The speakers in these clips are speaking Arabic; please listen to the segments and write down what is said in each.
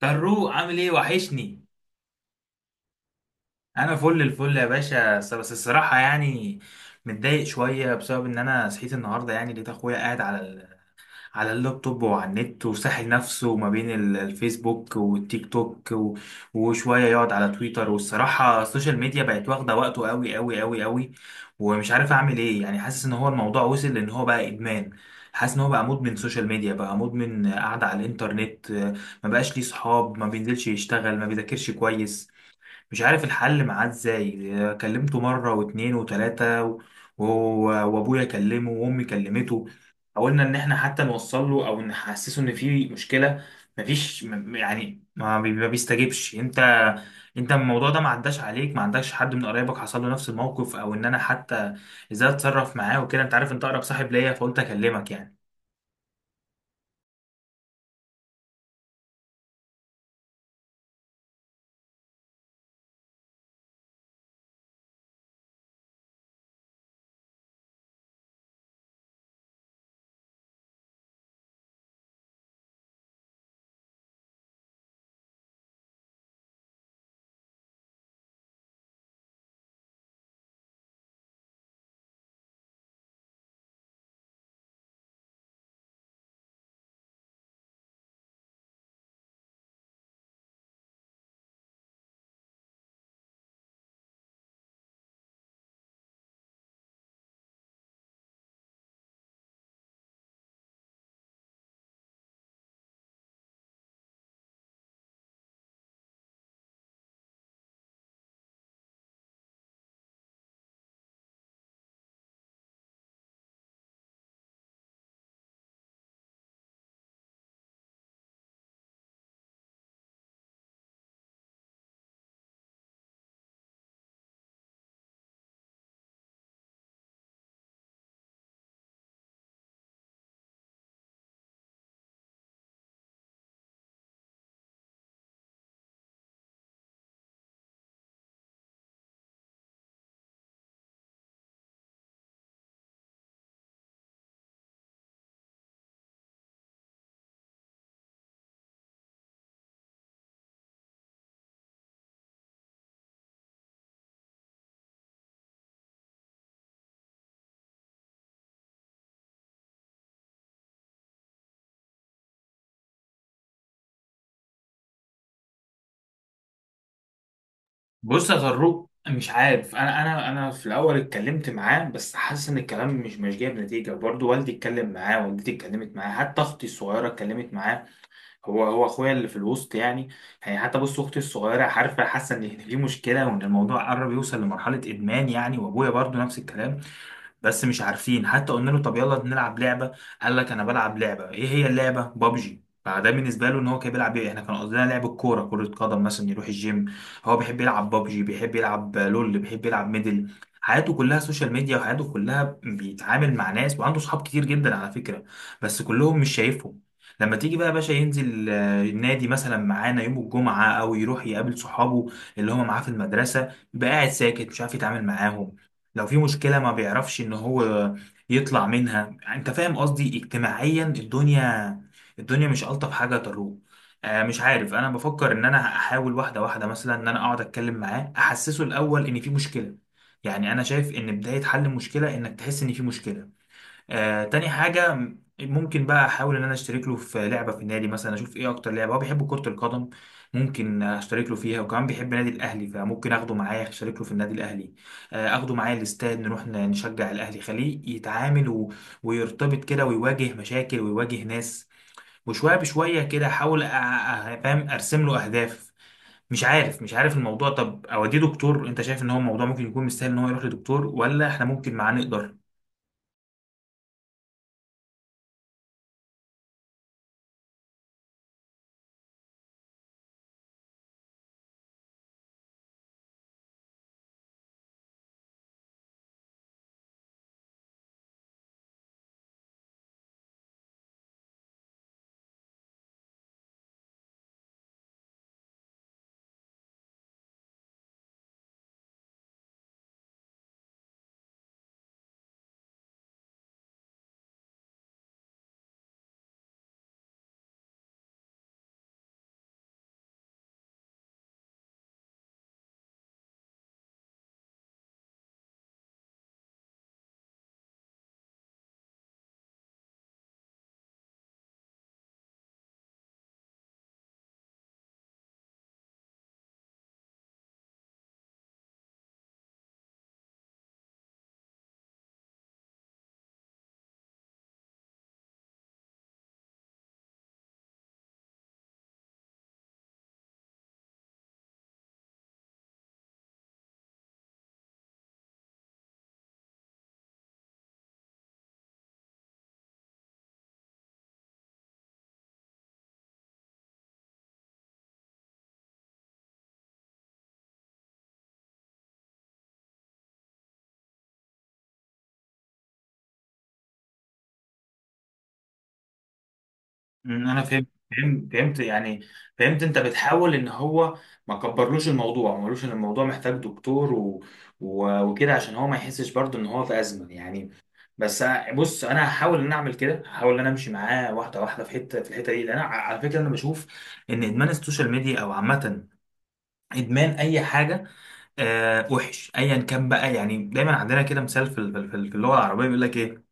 طروق عامل ايه؟ وحشني. انا فل الفل يا باشا، بس الصراحه يعني متضايق شويه بسبب ان انا صحيت النهارده، يعني لقيت اخويا قاعد على اللابتوب وعلى النت وساحل نفسه ما بين الفيسبوك والتيك توك وشوية يقعد على تويتر، والصراحة السوشيال ميديا بقت واخدة وقته قوي قوي قوي قوي. ومش عارف اعمل ايه، يعني حاسس ان هو الموضوع وصل لان هو بقى ادمان. حاسس ان هو بقى مدمن سوشيال ميديا، بقى مدمن قاعدة على الانترنت. ما بقاش ليه صحاب، ما بينزلش يشتغل، ما بيذاكرش كويس. مش عارف الحل معاه ازاي. كلمته مرة واتنين وتلاتة وابويا كلمه وامي كلمته، حاولنا ان احنا حتى نوصل له او نحسسه ان في مشكلة. مفيش م- يعني ما بي- ما بيستجيبش. انت الموضوع ده ما عداش عليك؟ ما عندكش حد من قرايبك حصل له نفس الموقف، او ان انا حتى ازاي اتصرف معاه وكده؟ انت عارف انت اقرب صاحب ليا، فقلت اكلمك يعني. بص يا طارق، مش عارف، انا في الاول اتكلمت معاه بس حاسس ان الكلام مش جايب نتيجه برضه، والدي اتكلم معاه، والدتي اتكلمت معاه، حتى اختي الصغيره اتكلمت معاه. هو اخويا اللي في الوسط يعني. يعني حتى بص اختي الصغيره عارفه، حاسه ان في مشكله وان الموضوع قرب يوصل لمرحله ادمان يعني، وابويا برضه نفس الكلام. بس مش عارفين. حتى قلنا له طب يلا نلعب لعبة، قال لك انا بلعب لعبة. ايه هي اللعبة؟ بابجي. فده بالنسبة له ان هو كان بيلعب، ايه؟ احنا كان قصدنا لعب الكورة، كرة قدم مثلا، يروح الجيم. هو بيحب يلعب بابجي، بيحب يلعب لول، بيحب يلعب ميدل. حياته كلها سوشيال ميديا، وحياته كلها بيتعامل مع ناس، وعنده صحاب كتير جدا على فكرة، بس كلهم مش شايفهم. لما تيجي بقى يا باشا ينزل النادي مثلا معانا يوم الجمعة، أو يروح يقابل صحابه اللي هم معاه في المدرسة، يبقى قاعد ساكت مش عارف يتعامل معاهم. لو في مشكلة ما بيعرفش ان هو يطلع منها. انت فاهم قصدي؟ اجتماعيا الدنيا، الدنيا مش ألطف حاجة تروه. مش عارف، انا بفكر ان انا احاول واحدة واحدة، مثلا ان انا اقعد اتكلم معاه، احسسه الاول ان في مشكلة. يعني انا شايف ان بداية حل المشكلة انك تحس ان في مشكلة. تاني حاجة ممكن بقى أحاول إن أنا أشترك له في لعبة في النادي مثلا، أشوف إيه أكتر لعبة هو بيحب. كرة القدم ممكن أشترك له فيها، وكمان بيحب النادي الأهلي فممكن أخده معايا أشترك له في النادي الأهلي. أخده معايا الاستاد، نروح نشجع الأهلي، خليه يتعامل و... ويرتبط كده ويواجه مشاكل ويواجه ناس. وشوية بشوية كده أحاول فاهم، أرسم له أهداف. مش عارف، مش عارف الموضوع، طب أوديه دكتور؟ أنت شايف إن هو الموضوع ممكن يكون مستاهل إن هو يروح لدكتور، ولا إحنا ممكن معاه نقدر؟ انا فهمت. فهمت، فهمت يعني. فهمت انت بتحاول ان هو ما كبرلوش الموضوع، ما قالوش ان الموضوع محتاج دكتور و... و... وكده، عشان هو ما يحسش برضه ان هو في ازمه يعني. بس بص انا هحاول ان أنا اعمل كده، هحاول ان انا امشي معاه واحده واحده في حته، في الحته دي، لان أنا على فكره انا بشوف ان ادمان السوشيال ميديا، او عامه ادمان اي حاجه، وحش ايا كان بقى يعني. دايما عندنا كده مثال في اللغه العربيه بيقول لك ايه،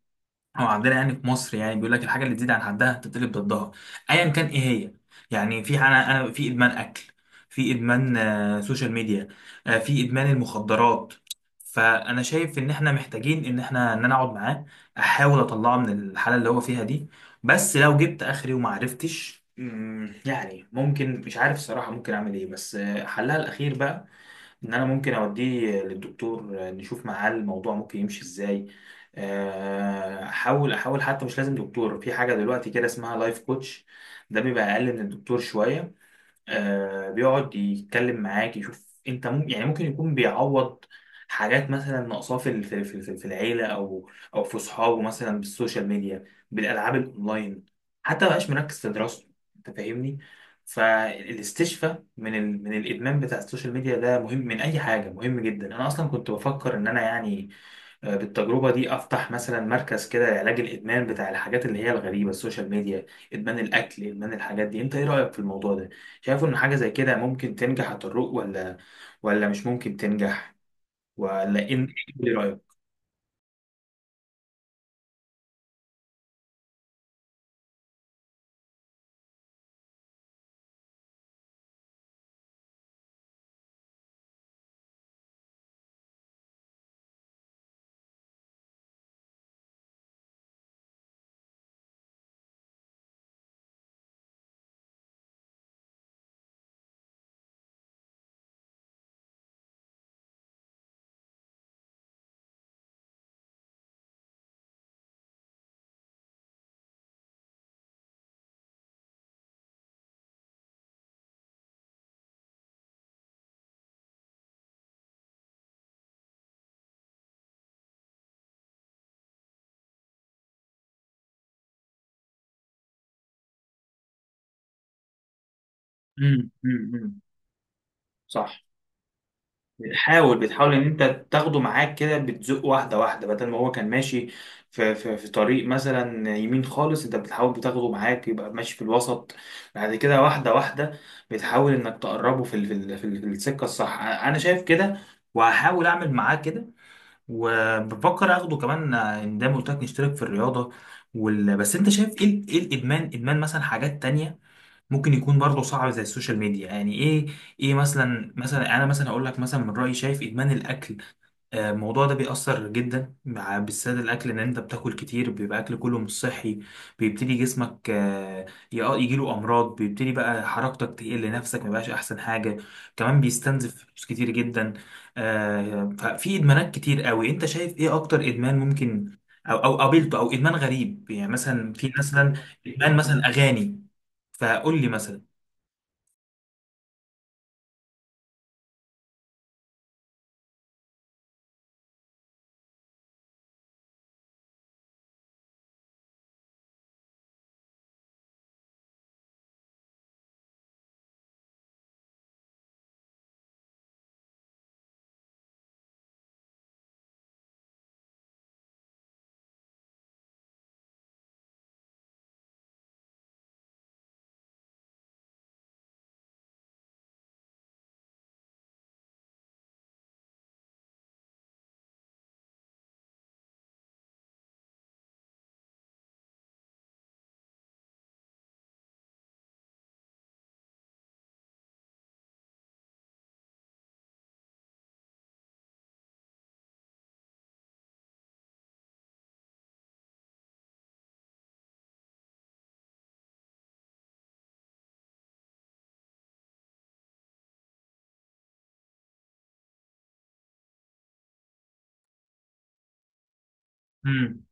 هو عندنا يعني في مصر يعني بيقول لك: الحاجه اللي تزيد عن حدها تتقلب ضدها، ايا كان ايه هي. يعني في، انا في ادمان اكل، في ادمان سوشيال ميديا، في ادمان المخدرات. فانا شايف ان احنا محتاجين ان احنا، ان انا اقعد معاه، احاول اطلعه من الحاله اللي هو فيها دي. بس لو جبت اخري وما عرفتش، يعني ممكن، مش عارف الصراحه ممكن اعمل ايه، بس حلها الاخير بقى ان انا ممكن اوديه للدكتور، نشوف معاه الموضوع ممكن يمشي ازاي. احاول، احاول حتى مش لازم دكتور، في حاجه دلوقتي كده اسمها لايف كوتش، ده بيبقى اقل من الدكتور شويه. بيقعد يتكلم معاك، يشوف انت ممكن، يعني ممكن يكون بيعوض حاجات مثلا ناقصاه في في العيله، او او في صحابه، مثلا بالسوشيال ميديا، بالالعاب الاونلاين. حتى ما بقاش مركز في دراسته. انت فاهمني؟ فالاستشفاء من ال... من الادمان بتاع السوشيال ميديا ده مهم من اي حاجه، مهم جدا. انا اصلا كنت بفكر ان انا يعني بالتجربة دي أفتح مثلا مركز كده لعلاج الإدمان، بتاع الحاجات اللي هي الغريبة، السوشيال ميديا، إدمان الأكل، إدمان الحاجات دي. أنت إيه رأيك في الموضوع ده؟ شايف إن حاجة زي كده ممكن تنجح هتروق، ولا ولا مش ممكن تنجح، ولا إن إيه، إيه رأيك؟ أمم. صح. بتحاول، بتحاول ان انت تاخده معاك كده، بتزق واحده واحده، بدل ما هو كان ماشي في طريق مثلا يمين خالص، انت بتحاول بتاخده معاك يبقى ماشي في الوسط، بعد كده واحده واحده. بتحاول انك تقربه في السكه الصح. انا شايف كده وهحاول اعمل معاه كده. وبفكر اخده كمان، ان ده قلت لك نشترك في الرياضه. وال... بس انت شايف ايه، ايه الادمان، ادمان مثلا حاجات تانية ممكن يكون برضه صعب زي السوشيال ميديا يعني؟ ايه، ايه مثلا؟ مثلا انا مثلا اقول لك مثلا من رايي شايف ادمان الاكل، الموضوع ده بيأثر جدا، مع بالذات الاكل، ان انت بتاكل كتير، بيبقى اكل كله مش صحي، بيبتدي جسمك يجيله امراض، بيبتدي بقى حركتك تقل، نفسك ما بقاش احسن حاجه، كمان بيستنزف فلوس كتير جدا. ففي ادمانات كتير قوي. انت شايف ايه اكتر ادمان ممكن، او او قابلته، او ادمان غريب يعني مثلا؟ في مثلا ادمان مثلا اغاني، فقول لي مثلا. امم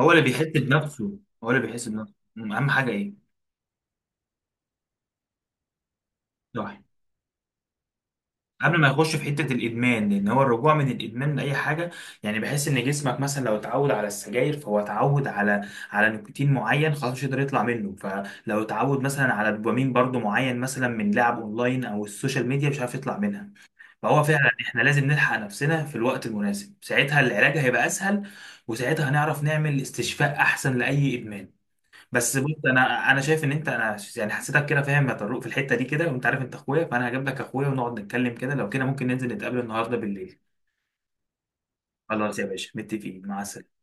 هو اللي بيحس بنفسه، هو اللي بيحس بنفسه. اهم حاجه ايه؟ صح. قبل ما يخش في حته الادمان، لان هو الرجوع من الادمان لاي حاجه، يعني بحس ان جسمك مثلا لو اتعود على السجاير فهو اتعود على نيكوتين معين، خلاص مش قادر يطلع منه. فلو اتعود مثلا على دوبامين برضو معين، مثلا من لعب اونلاين او السوشيال ميديا، مش عارف يطلع منها. فهو فعلا احنا لازم نلحق نفسنا في الوقت المناسب، ساعتها العلاج هيبقى اسهل، وساعتها هنعرف نعمل استشفاء احسن لاي ادمان. بس بص، انا شايف ان انت، انا يعني حسيتك كده فاهم يا طارق في الحته دي كده، وانت عارف انت اخويا، فانا هجيب لك اخويا ونقعد نتكلم كده. لو كده ممكن ننزل نتقابل النهارده بالليل. خلاص يا باشا، متفقين. مع السلامه.